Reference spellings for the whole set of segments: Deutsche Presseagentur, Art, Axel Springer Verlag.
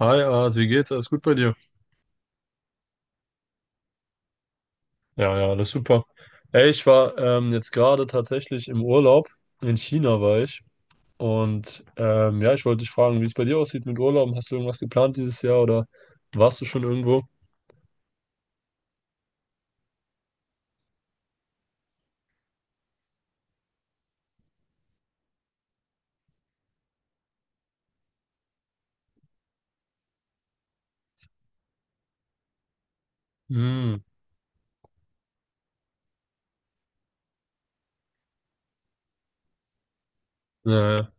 Hi Art, wie geht's? Alles gut bei dir? Ja, ja, alles super. Ey, ich war jetzt gerade tatsächlich im Urlaub. In China war ich. Ja, ich wollte dich fragen, wie es bei dir aussieht mit Urlauben. Hast du irgendwas geplant dieses Jahr oder warst du schon irgendwo? Hm, ja, ja.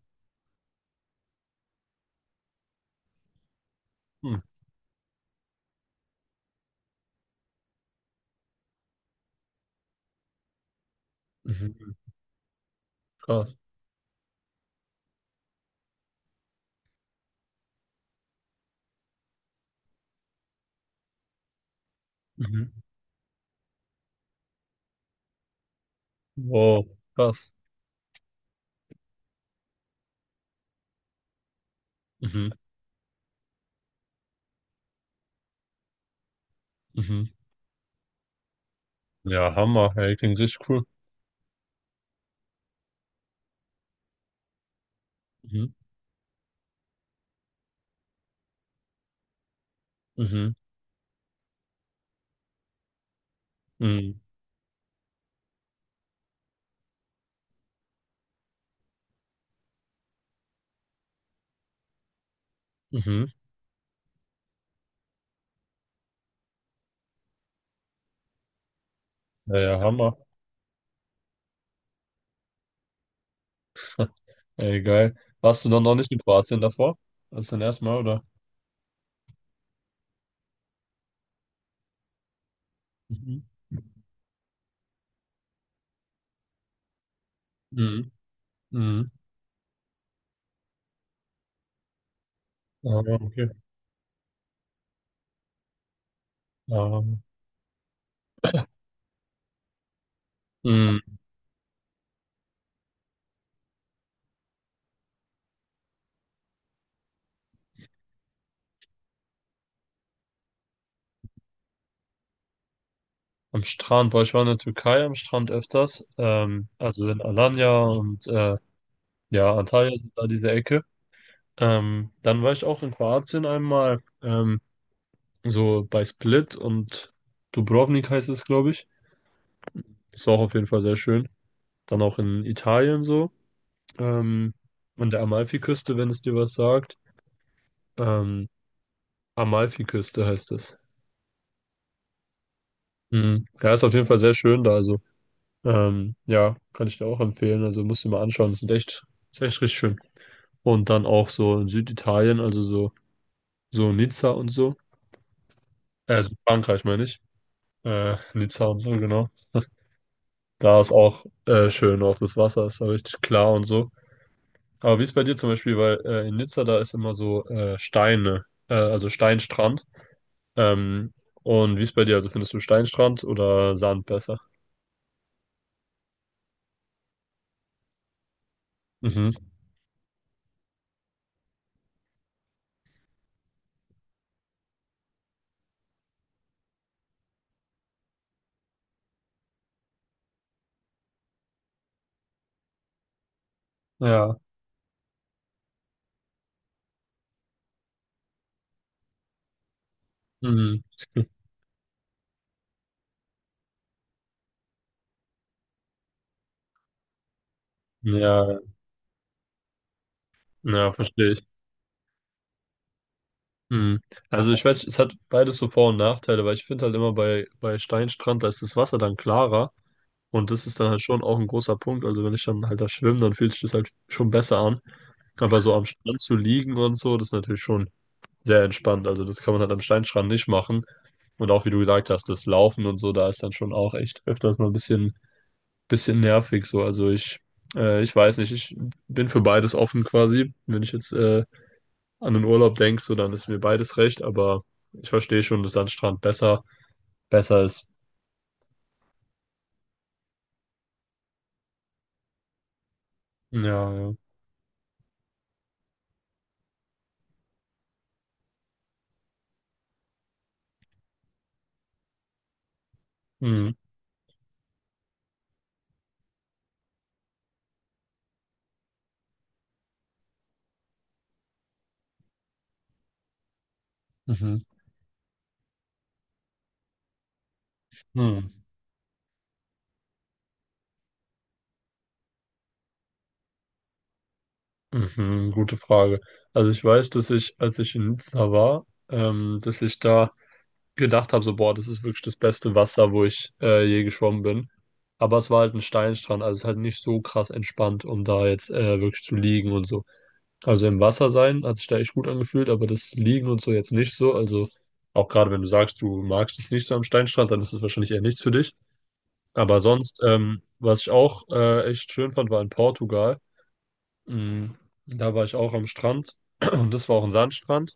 Hm. Mhm. Krass. Mhm. Wow, krass. Mhm. Mhm. Ja, Hammer. Ey, klingt richtig cool. Mhm. Mhm. Mhm. Mhm. Ja, ja, Hammer. Ey, geil. Warst du dann noch nicht in Kroatien davor? Das ist dein erstes Mal, oder? Mhm. Mhm. Mhm. Ah, okay. Ähm, Mhm. Am Strand, weil ich war in der Türkei am Strand öfters, also in Alanya und ja, Antalya, da diese Ecke. Dann war ich auch in Kroatien einmal, so bei Split und Dubrovnik heißt es, glaube ich. Das war auch auf jeden Fall sehr schön. Dann auch in Italien so, ähm, an der Amalfiküste, wenn es dir was sagt. Ähm, Amalfiküste heißt es. Mhm. Ja, ist auf jeden Fall sehr schön da, also. Ja, kann ich dir auch empfehlen. Also musst du dir mal anschauen. Das ist echt, ist echt richtig schön. Und dann auch so in Süditalien, also so, so Nizza und so. Also Frankreich meine ich. Nizza und so, genau. Da ist auch schön, auch das Wasser ist da richtig klar und so. Aber wie ist bei dir zum Beispiel, weil in Nizza da ist immer so Steine, also Steinstrand. Ähm, und wie ist bei dir? Also findest du Steinstrand oder Sand besser? Mhm. Ja. Mhm. Ja, ja, verstehe ich. Mhm. Also ich weiß, es hat beides so Vor- und Nachteile, weil ich finde halt immer bei Steinstrand, da ist das Wasser dann klarer und das ist dann halt schon auch ein großer Punkt. Also wenn ich dann halt da schwimme, dann fühlt sich das halt schon besser an. Aber so am Strand zu liegen und so, das ist natürlich schon sehr entspannt. Also das kann man halt am Steinstrand nicht machen. Und auch wie du gesagt hast, das Laufen und so, da ist dann schon auch echt öfters mal ein bisschen nervig so. Also ich, ich weiß nicht, ich bin für beides offen quasi. Wenn ich jetzt an den Urlaub denkst, so, dann ist mir beides recht, aber ich verstehe schon, dass Sandstrand besser ist. Ja, ja. Hm, Mhm. Hm. Mhm. Gute Frage. Also ich weiß, dass ich, als ich in Nizza war, dass ich da gedacht habe, so, boah, das ist wirklich das beste Wasser, wo ich je geschwommen bin. Aber es war halt ein Steinstrand, also es ist halt nicht so krass entspannt, um da jetzt wirklich zu liegen und so. Also im Wasser sein hat sich da echt gut angefühlt, aber das Liegen und so jetzt nicht so. Also auch gerade wenn du sagst, du magst es nicht so am Steinstrand, dann ist es wahrscheinlich eher nichts für dich. Aber sonst, was ich auch echt schön fand, war in Portugal. Mhm. Da war ich auch am Strand und das war auch ein Sandstrand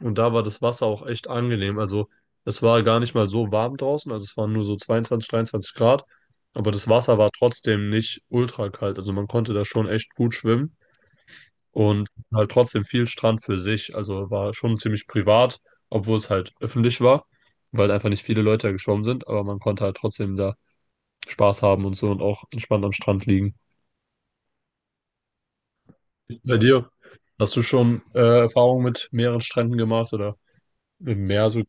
und da war das Wasser auch echt angenehm. Also es war gar nicht mal so warm draußen, also es waren nur so 22, 23 Grad, aber das Wasser war trotzdem nicht ultra kalt. Also man konnte da schon echt gut schwimmen und halt trotzdem viel Strand für sich. Also war schon ziemlich privat, obwohl es halt öffentlich war, weil einfach nicht viele Leute da geschwommen sind, aber man konnte halt trotzdem da Spaß haben und so und auch entspannt am Strand liegen. Bei dir, hast du schon Erfahrungen mit mehreren Stränden gemacht oder im Meer so?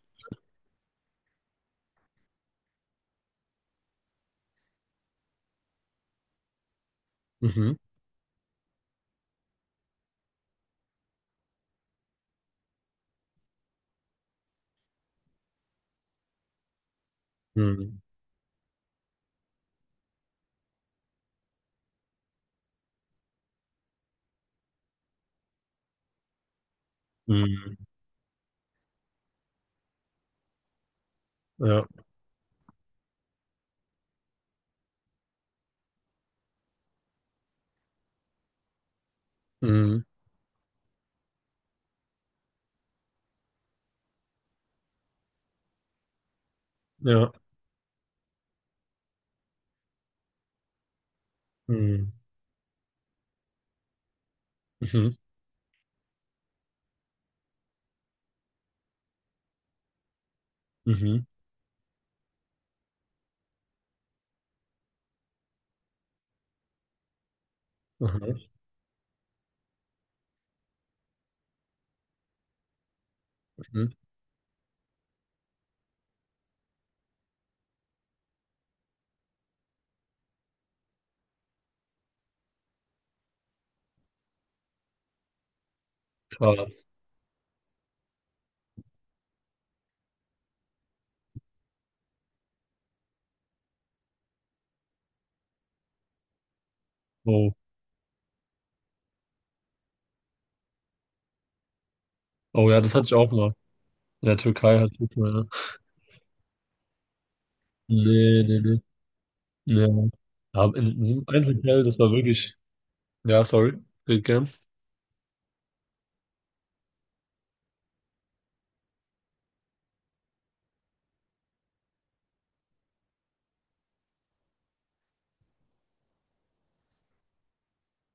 Mhm. Mhm. Mhm. Ja. Mhm. Ja. Mhm. Mhm. Mhm. Mhm. Mhm. Krass. Oh. Oh ja, das hatte ich auch mal. In der Türkei hatte ich mal. Ja. Nee, nee, nee. Nee. Aber in diesem einen Hotel, das war wirklich. Ja, sorry, geht gern.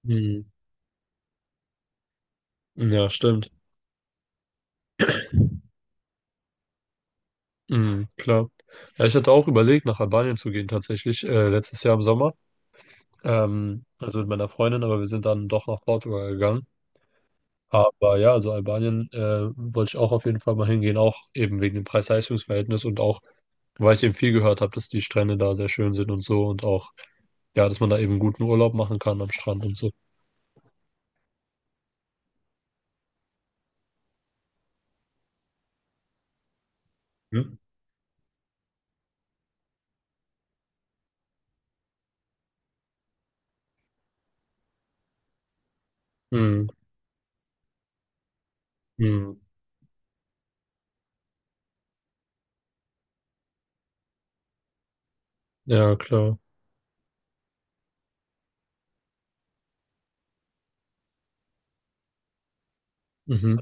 Hm. Ja, stimmt. Hm, klar. Ja, ich hatte auch überlegt, nach Albanien zu gehen, tatsächlich, letztes Jahr im Sommer. Also mit meiner Freundin, aber wir sind dann doch nach Portugal gegangen. Aber ja, also Albanien wollte ich auch auf jeden Fall mal hingehen, auch eben wegen dem Preis-Leistungs-Verhältnis und auch, weil ich eben viel gehört habe, dass die Strände da sehr schön sind und so und auch, ja, dass man da eben guten Urlaub machen kann am Strand und so. Hm? Hm, hm. Ja, klar. Mhm.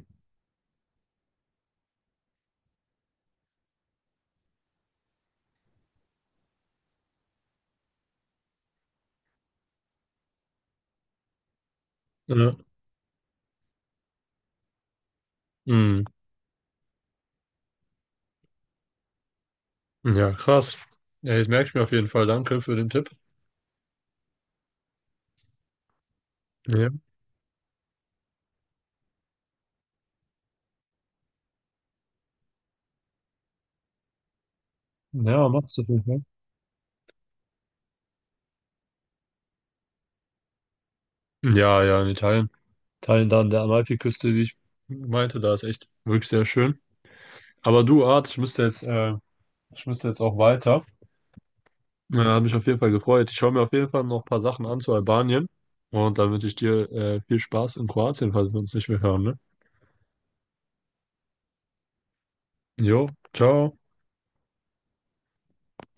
Ja. Mhm. Ja, krass. Ja, jetzt merke ich mir auf jeden Fall. Danke für den Tipp. Ja, ja, mach's. Auf jeden Fall. Ja, ja, in Italien. Italien da an der Amalfiküste, wie ich meinte, da ist echt wirklich sehr schön. Aber du, Art, ich müsste jetzt auch weiter. Ja, hat mich auf jeden Fall gefreut. Ich schaue mir auf jeden Fall noch ein paar Sachen an zu Albanien. Und dann wünsche ich dir, viel Spaß in Kroatien, falls wir uns nicht mehr hören, ne? Jo, ciao.